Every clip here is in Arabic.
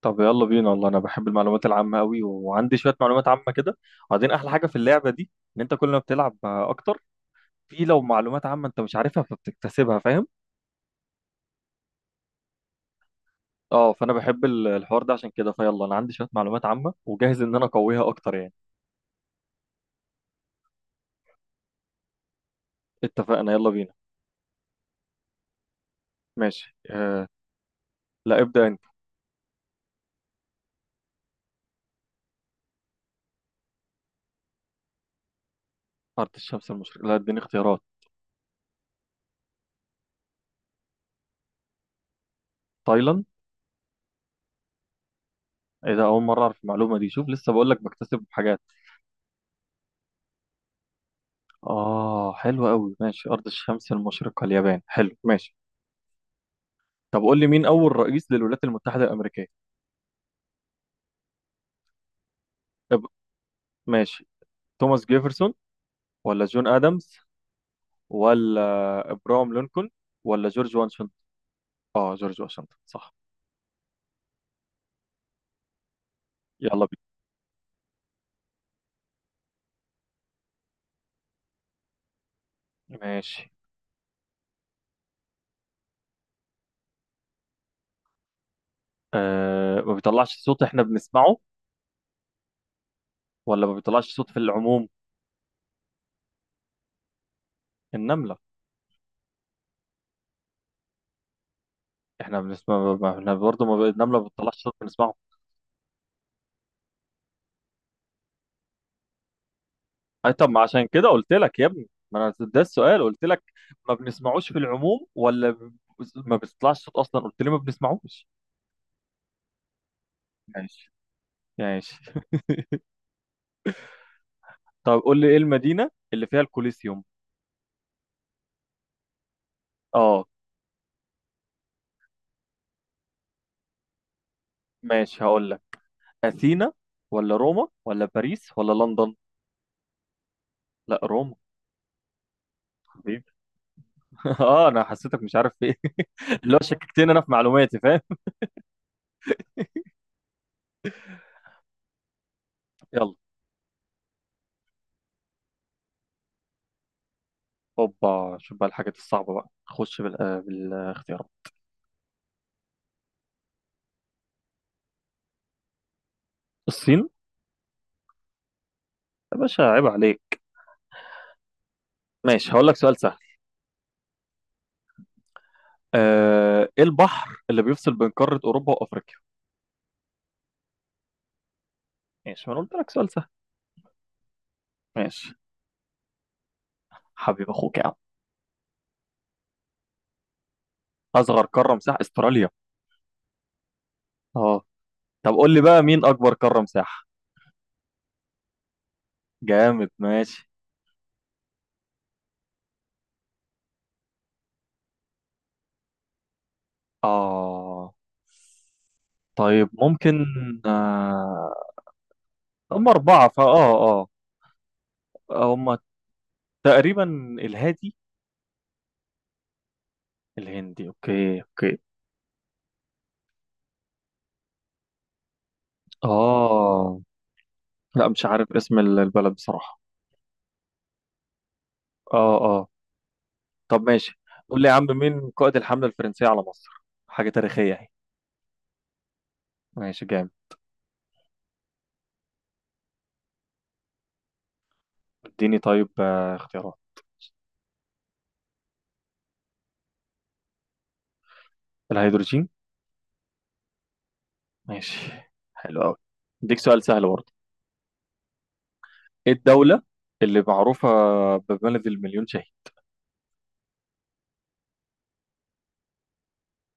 طب يلا بينا، والله انا بحب المعلومات العامه قوي وعندي شويه معلومات عامه كده. وبعدين احلى حاجه في اللعبه دي ان انت كل ما بتلعب اكتر في، لو معلومات عامه انت مش عارفها فبتكتسبها، فاهم. اه، فانا بحب الحوار ده، عشان كده فيلا انا عندي شويه معلومات عامه وجاهز ان انا اقويها اكتر يعني. اتفقنا، يلا بينا. ماشي آه. لا ابدا انت. ارض الشمس المشرقه، لا اديني اختيارات. تايلاند. ايه ده، اول مره اعرف المعلومه دي، شوف لسه بقول لك بكتسب حاجات. اه حلو قوي، ماشي، ارض الشمس المشرقه اليابان، حلو ماشي. طب قول لي، مين أول رئيس للولايات المتحدة الأمريكية؟ إب... ماشي. توماس جيفرسون، ولا جون آدمز، ولا إبراهام لينكولن، ولا جورج واشنطن؟ آه جورج واشنطن صح. يلا بينا. ماشي آه. ما بيطلعش صوت إحنا بنسمعه، ولا ما بيطلعش صوت في العموم؟ النملة. إحنا بنسمع ما- إحنا برضه ما... ب- النملة ما بتطلعش صوت بنسمعه. أي طب ما عشان كده قلت لك يا ابني، ما أنا ده السؤال قلت لك. ما بنسمعوش في العموم، ما بيطلعش صوت أصلا، قلت لي ما بنسمعوش. ماشي. ماشي. طب قول لي، ايه المدينة اللي فيها الكوليسيوم؟ اه. ماشي هقول لك. اثينا، ولا روما، ولا باريس، ولا لندن. لا روما. حبيبي. اه انا حسيتك مش عارف في ايه. اللي هو شككتني انا في معلوماتي، فاهم. يلا. اوبا، شوف بقى الحاجات الصعبة بقى، خش بالاختيارات. الصين. يا باشا عيب عليك. ماشي هقول لك سؤال سهل. ايه البحر اللي بيفصل بين قارة اوروبا وافريقيا؟ ماشي، ما انا قلت لك سؤال سهل. ماشي. حبيب اخوك يا عم. اصغر قارة مساحة استراليا. اه. طب قول لي بقى، مين اكبر قارة مساحة؟ جامد ماشي. اه طيب ممكن. آه. هم أربعة فا اه. اه هم. تقريبا. الهادي. الهندي، اوكي اوكي. اه. لا مش عارف اسم البلد بصراحة. اه اه. طب ماشي. قول لي يا عم، مين قائد الحملة الفرنسية على مصر؟ حاجة تاريخية اهي. ماشي جامد. اديني طيب اختيارات. الهيدروجين. ماشي حلو قوي. اديك سؤال سهل برضه. ايه الدولة اللي معروفة ببلد المليون شهيد؟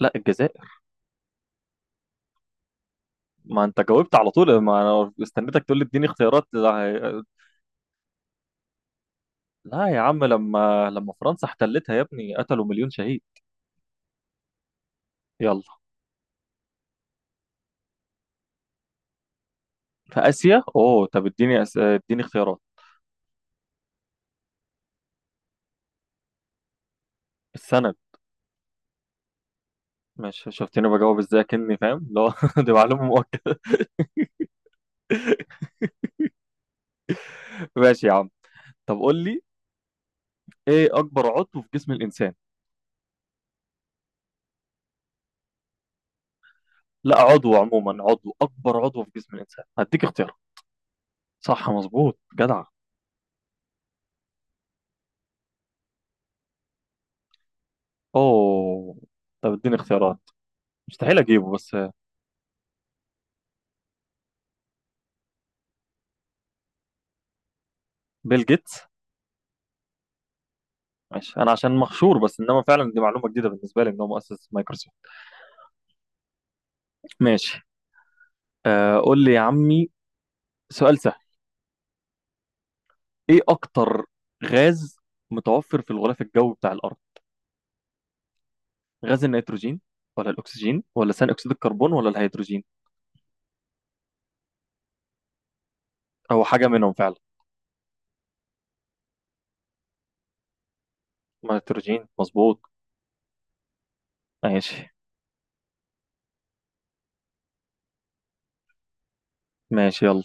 لا الجزائر. ما انت جاوبت على طول، ما انا استنيتك تقول لي اديني اختيارات. لا يا عم، لما فرنسا احتلتها يا ابني قتلوا مليون شهيد. يلا. في اسيا اوه، طب اديني اختيارات. السند. ماشي، شفتني بجاوب ازاي كني فاهم؟ لا دي معلومة مؤكدة. ماشي يا عم. طب قول لي، ايه اكبر عضو في جسم الانسان؟ لا عضو عموما، عضو، اكبر عضو في جسم الانسان، هديك اختيار. صح، مظبوط جدع. اوه، طب اديني اختيارات، مستحيل اجيبه بس. بيل جيتس. ماشي، انا عشان مخشور بس، انما فعلا دي معلومه جديده بالنسبه لي ان هو مؤسس مايكروسوفت. ماشي. آه قول لي يا عمي، سؤال سهل. ايه اكتر غاز متوفر في الغلاف الجوي بتاع الارض؟ غاز النيتروجين، ولا الاكسجين، ولا ثاني اكسيد الكربون، ولا الهيدروجين؟ او حاجه منهم فعلا. نيتروجين. مظبوط. ماشي. ماشي يلا.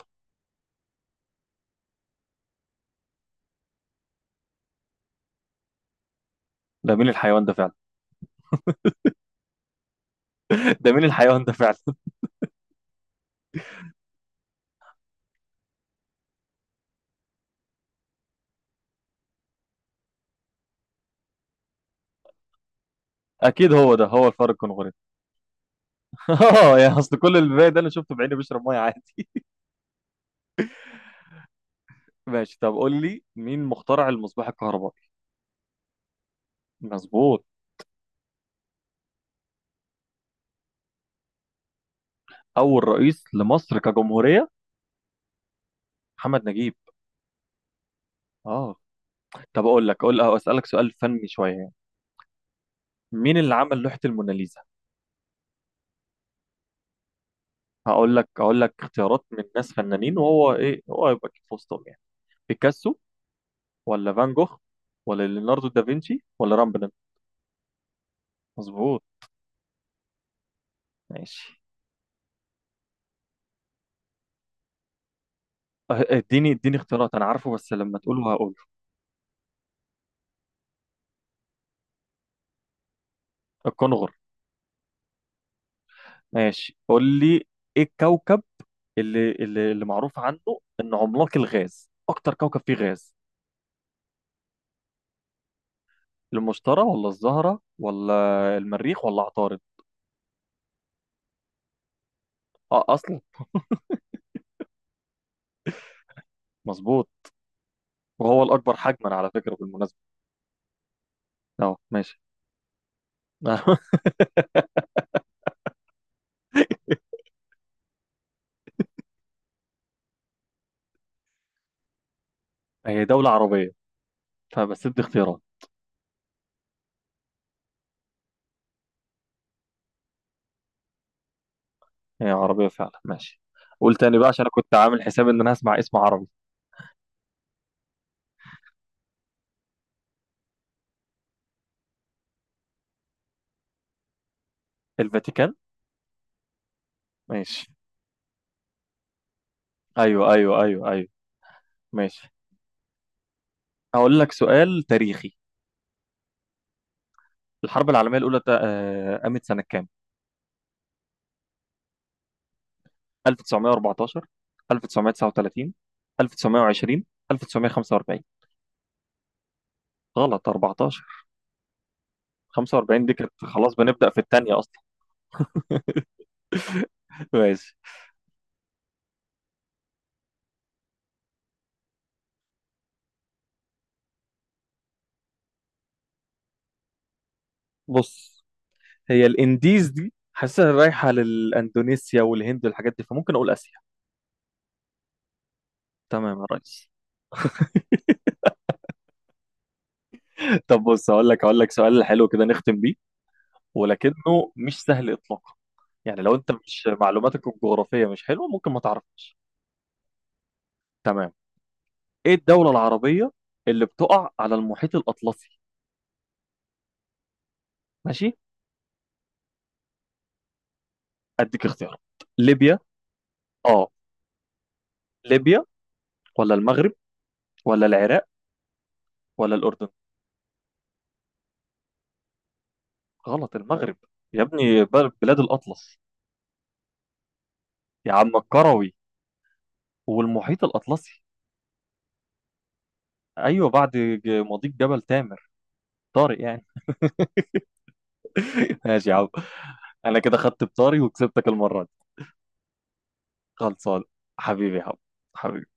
ده مين الحيوان ده فعلا؟ ده مين الحيوان ده فعلا؟ اكيد هو ده، هو الفار الكنغوري. اه يا اصل كل الباقي ده انا شفته بعيني بيشرب ميه عادي. ماشي. طب قول لي، مين مخترع المصباح الكهربائي؟ مظبوط. اول رئيس لمصر كجمهوريه. محمد نجيب. اه. طب اقول لك اسالك سؤال فني شويه يعني. مين اللي عمل لوحه الموناليزا؟ هقول لك اختيارات من ناس فنانين، وهو ايه، هو يبقى أكيد في وسطهم يعني. بيكاسو، ولا فان جوخ، ولا ليوناردو دافنشي، ولا رامبلن. مظبوط. ماشي. اه، اديني اختيارات، انا عارفه بس لما تقوله هقوله. الكونغر. ماشي قول لي، ايه الكوكب اللي معروف عنه انه عملاق الغاز، اكتر كوكب فيه غاز؟ المشتري، ولا الزهرة، ولا المريخ، ولا عطارد. اه اصلا. مظبوط. وهو الاكبر حجما على فكرة بالمناسبة. اه ماشي. هي دولة عربية فبس، ادي اختيارات. هي عربية فعلا، ماشي. قول تاني بقى، عشان انا كنت عامل حساب ان انا هسمع اسم عربي. الفاتيكان. ماشي. ايوه ايوه ايوه ايوه. ماشي. هقول لك سؤال تاريخي. الحرب العالمية الاولى قامت سنة كام؟ 1914، 1939، 1920، 1945. غلط، أربعة عشر. 45 دي كانت خلاص بنبدأ في التانية أصلا. ماشي بص. هي الإنديز دي حاسسها رايحة للأندونيسيا والهند والحاجات دي، فممكن أقول آسيا. تمام يا ريس. طب بص، هقول لك سؤال حلو كده نختم بيه، ولكنه مش سهل إطلاقا. يعني لو أنت مش معلوماتك الجغرافية مش حلوة ممكن ما تعرفش. تمام. إيه الدولة العربية اللي بتقع على المحيط الأطلسي؟ ماشي، أديك اختيارات. ليبيا. آه. ليبيا، ولا المغرب، ولا العراق، ولا الأردن. غلط، المغرب يا ابني، بلاد الأطلس. يا عم الكروي، والمحيط الأطلسي. أيوة بعد، مضيق جبل تامر طارق يعني. ماشي يا عم. أنا كده خدت بطاري وكسبتك المرة دي. خلصان. حبيبي يا عم. حبيبي.